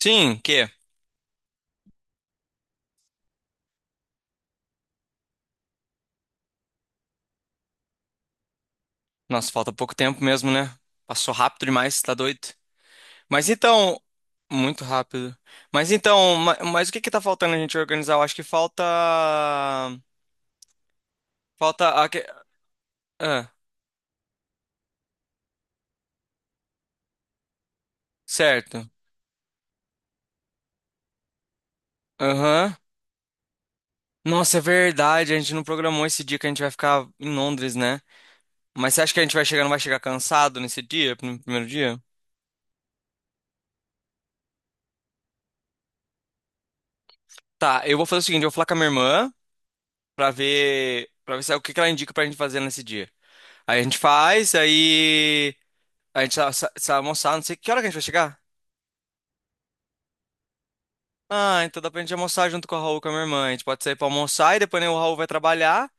Sim, que? Nossa, falta pouco tempo mesmo, né? Passou rápido demais, tá doido. Mas então, muito rápido. Mas então, mas, o que que tá faltando a gente organizar? Eu acho que falta. Falta. Ah, certo. Aham. Nossa, é verdade, a gente não programou esse dia que a gente vai ficar em Londres, né? Mas você acha que a gente vai chegar, não vai chegar cansado nesse dia, no primeiro dia? Tá, eu vou fazer o seguinte, eu vou falar com a minha irmã pra ver é o que que ela indica pra gente fazer nesse dia. Aí a gente faz, aí. A gente sai almoçar, não sei que hora que a gente vai chegar. Ah, então dá pra gente almoçar junto com a Raul, com a minha irmã. A gente pode sair pra almoçar e depois né, o Raul vai trabalhar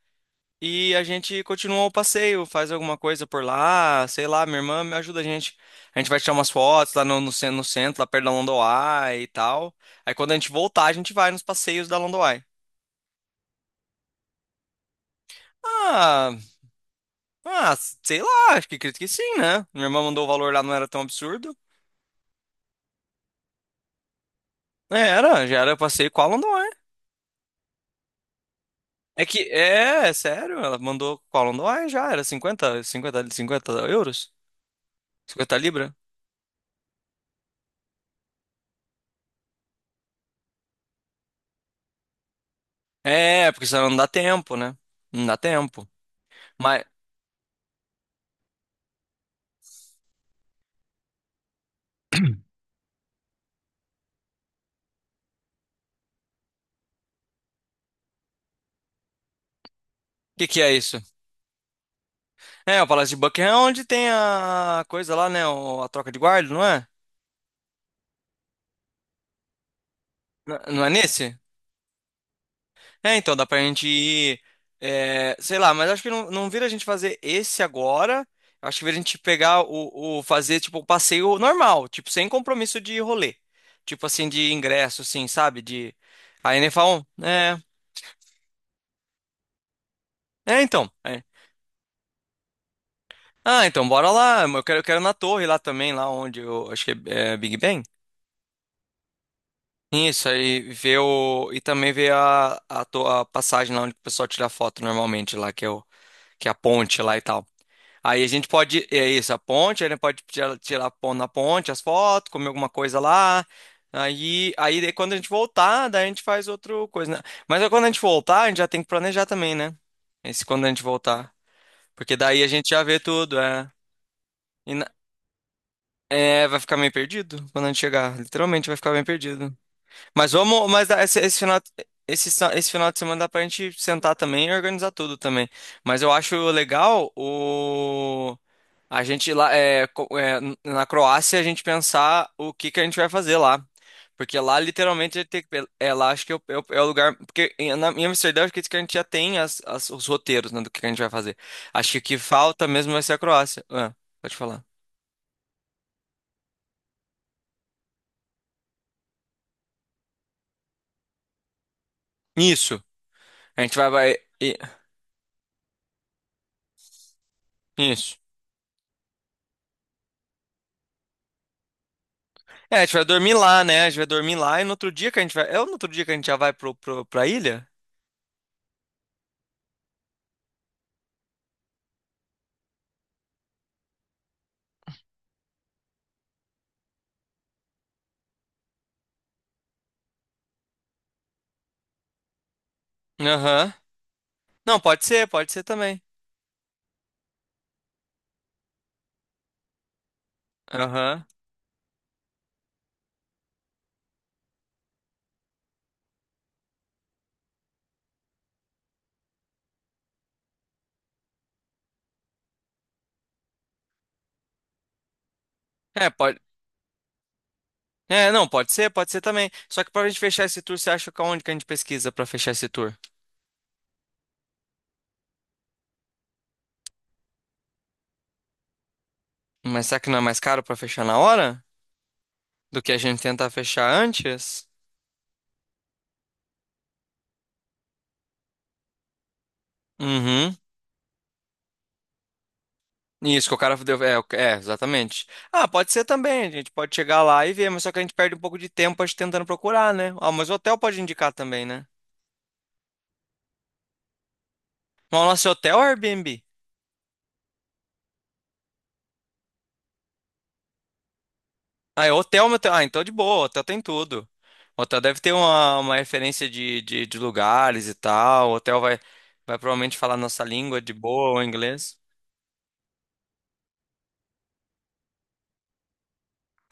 e a gente continua o passeio, faz alguma coisa por lá, sei lá, minha irmã me ajuda a gente. A gente vai tirar umas fotos lá no centro, lá perto da Londoai e tal. Aí quando a gente voltar, a gente vai nos passeios da Londoai. Ah, ah, sei lá, acho que acredito que sim, né? Minha irmã mandou o valor lá, não era tão absurdo. É, era, já era passeio com a Londoai. É que é sério, ela mandou qual não dói já, era cinquenta euros? 50 libra? É, porque senão não dá tempo, né? Não dá tempo. Mas, o que que é isso? É, o Palácio de Buckingham é onde tem a coisa lá, né, a troca de guarda, não é? Não é nesse? É, então dá pra gente ir, é, sei lá, mas acho que não, não vira a gente fazer esse agora. Acho que vira a gente pegar o fazer tipo o passeio normal, tipo sem compromisso de rolê, tipo assim de ingresso, assim, sabe? De aí nem falam, é então, é. Ah, então bora lá. Eu quero na torre lá também, lá onde eu acho que é Big Ben. Isso aí ver o e também ver a passagem lá onde o pessoal tira foto normalmente lá que é o que é a ponte lá e tal. Aí a gente pode, é isso, a ponte, aí a gente pode tirar na ponte as fotos, comer alguma coisa lá. Aí, aí daí quando a gente voltar, daí a gente faz outra coisa, né? Mas aí quando a gente voltar, a gente já tem que planejar também, né? Esse quando a gente voltar. Porque daí a gente já vê tudo, é. E na- é, vai ficar meio perdido quando a gente chegar. Literalmente vai ficar bem perdido. Mas vamos, mas esse final de semana dá pra gente sentar também e organizar tudo também. Mas eu acho legal o a gente lá é, co- é, n- na Croácia a gente pensar o que que a gente vai fazer lá. Porque lá literalmente a gente tem é lá acho que é o lugar porque em Amsterdã acho que a gente já tem os roteiros né, do que a gente vai fazer. Acho que o que falta mesmo vai ser a Croácia. Ah, pode falar. Isso. A gente vai, vai e-, isso. É, a gente vai dormir lá, né? A gente vai dormir lá e no outro dia que a gente vai. É no outro dia que a gente já vai pra ilha? Aham. Não, pode ser também. Aham. É, pode. É, não, pode ser também. Só que pra gente fechar esse tour, você acha que aonde que a gente pesquisa pra fechar esse tour? Mas será que não é mais caro pra fechar na hora do que a gente tentar fechar antes? Uhum. Isso, que o cara deu. É, é, exatamente. Ah, pode ser também. A gente pode chegar lá e ver, mas só que a gente perde um pouco de tempo a gente tentando procurar, né? Ah, mas o hotel pode indicar também, né? Mas o nosso hotel é o Airbnb. Ah, é hotel, meu... Ah, então é de boa, hotel tem tudo. Hotel deve ter uma referência de lugares e tal. O hotel vai provavelmente falar nossa língua de boa, o inglês.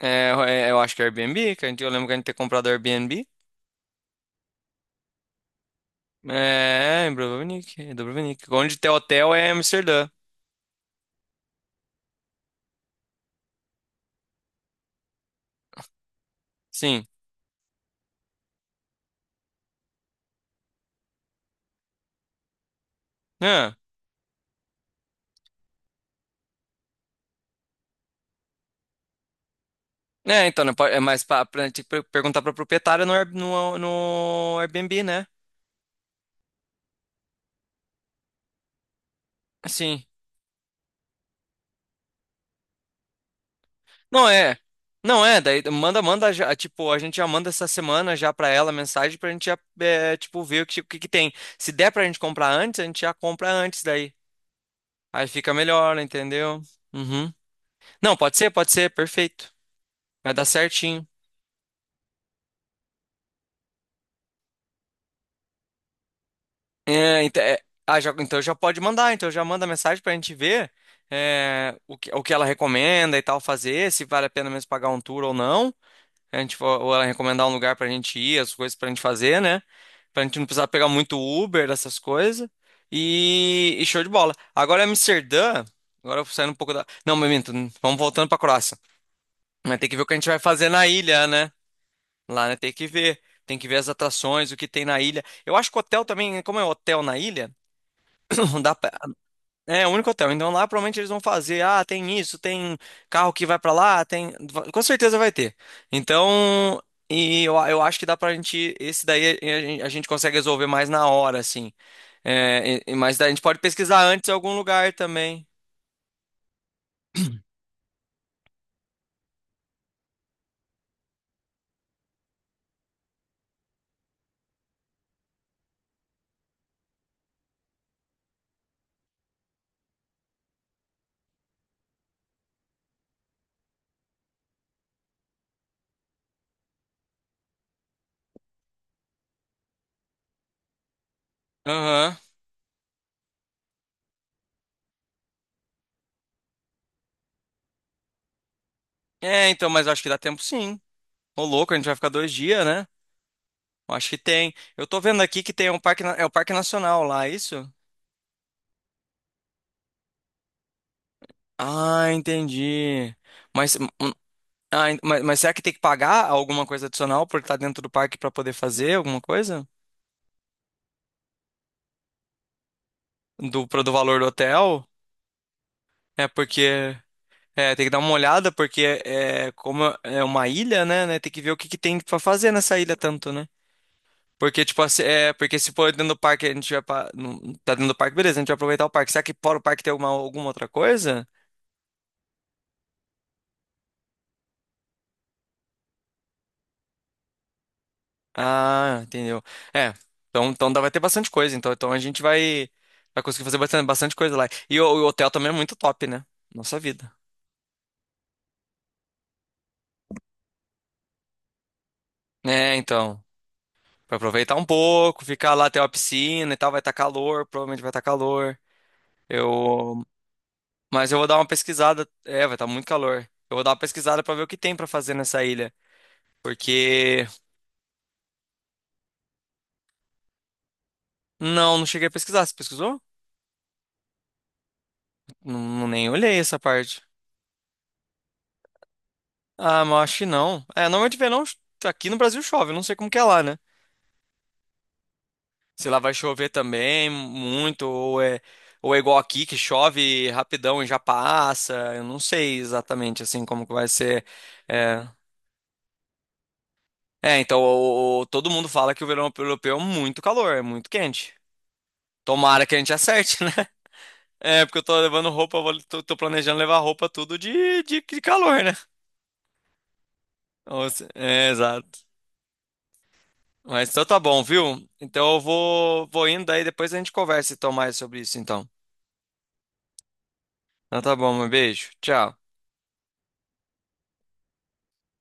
Eu acho que é Airbnb, que a gente, eu lembro que a gente ter comprado Airbnb. É, em Dubrovnik, em Dubrovnik. Onde tem hotel é Amsterdã. Sim. É, É, então, né, mais pra, pra gente perguntar pra proprietária no Airbnb, né? Sim. Não é. Não é, daí manda já, tipo, a gente já manda essa semana já pra ela a mensagem pra gente já, é, tipo, ver o que que tem. Se der pra gente comprar antes, a gente já compra antes daí. Aí fica melhor, entendeu? Uhum. Não, pode ser, perfeito. Vai dar certinho. É, é, ah, então já pode mandar, então já manda mensagem pra gente ver é, o que ela recomenda e tal fazer, se vale a pena mesmo pagar um tour ou não. A gente, ou ela recomendar um lugar pra gente ir, as coisas pra gente fazer, né? Pra gente não precisar pegar muito Uber, essas coisas. Show de bola. Agora Amsterdã. Agora eu saindo um pouco da. Não, mas minto, vamos voltando pra Croácia. Vai ter que ver o que a gente vai fazer na ilha, né? Lá, né? Tem que ver. Tem que ver as atrações, o que tem na ilha. Eu acho que o hotel também, como é hotel na ilha, dá pra- é, o único hotel. Então lá provavelmente eles vão fazer, ah, tem isso, tem carro que vai pra lá, tem, com certeza vai ter. Então, eu acho que dá pra gente, esse daí a gente consegue resolver mais na hora, assim. É, mas daí a gente pode pesquisar antes em algum lugar também. Aham. É, então, mas eu acho que dá tempo sim. Ô louco, a gente vai ficar 2 dias, né? Eu acho que tem. Eu tô vendo aqui que tem um parque, é o Parque Nacional lá, é isso? Ah, entendi. Mas mas, será que tem que pagar alguma coisa adicional por estar dentro do parque para poder fazer alguma coisa? Do valor do hotel? É porque. É, tem que dar uma olhada, porque é, como é uma ilha, né? Tem que ver o que, que tem pra fazer nessa ilha tanto, né? Porque, tipo, assim, é, porque se for dentro do parque, a gente vai. Tá dentro do parque, beleza, a gente vai aproveitar o parque. Será que fora o parque tem alguma, alguma outra coisa? Ah, entendeu. É, então, vai ter bastante coisa. Então, a gente vai conseguir fazer bastante, bastante coisa lá. E o hotel também é muito top, né? Nossa vida. É, então. Pra aproveitar um pouco, ficar lá até a piscina e tal, vai estar calor, provavelmente vai estar calor. Eu. Mas eu vou dar uma pesquisada. É, vai estar muito calor. Eu vou dar uma pesquisada pra ver o que tem pra fazer nessa ilha. Porque. Não, não cheguei a pesquisar. Você pesquisou? Não, não nem olhei essa parte. Ah, mas eu acho que não. É, normalmente verão aqui no Brasil chove, eu não sei como que é lá, né? Se lá vai chover também muito, ou é igual aqui, que chove rapidão e já passa. Eu não sei exatamente assim como que vai ser. É, É, então todo mundo fala que o verão europeu é muito calor, é muito quente. Tomara que a gente acerte, né? É, porque eu tô levando roupa, eu tô planejando levar roupa tudo de calor, né? Ou é, exato. Mas então tá bom, viu? Então eu vou, vou indo, aí depois a gente conversa e então, mais sobre isso, então. Então tá bom, um beijo. Tchau.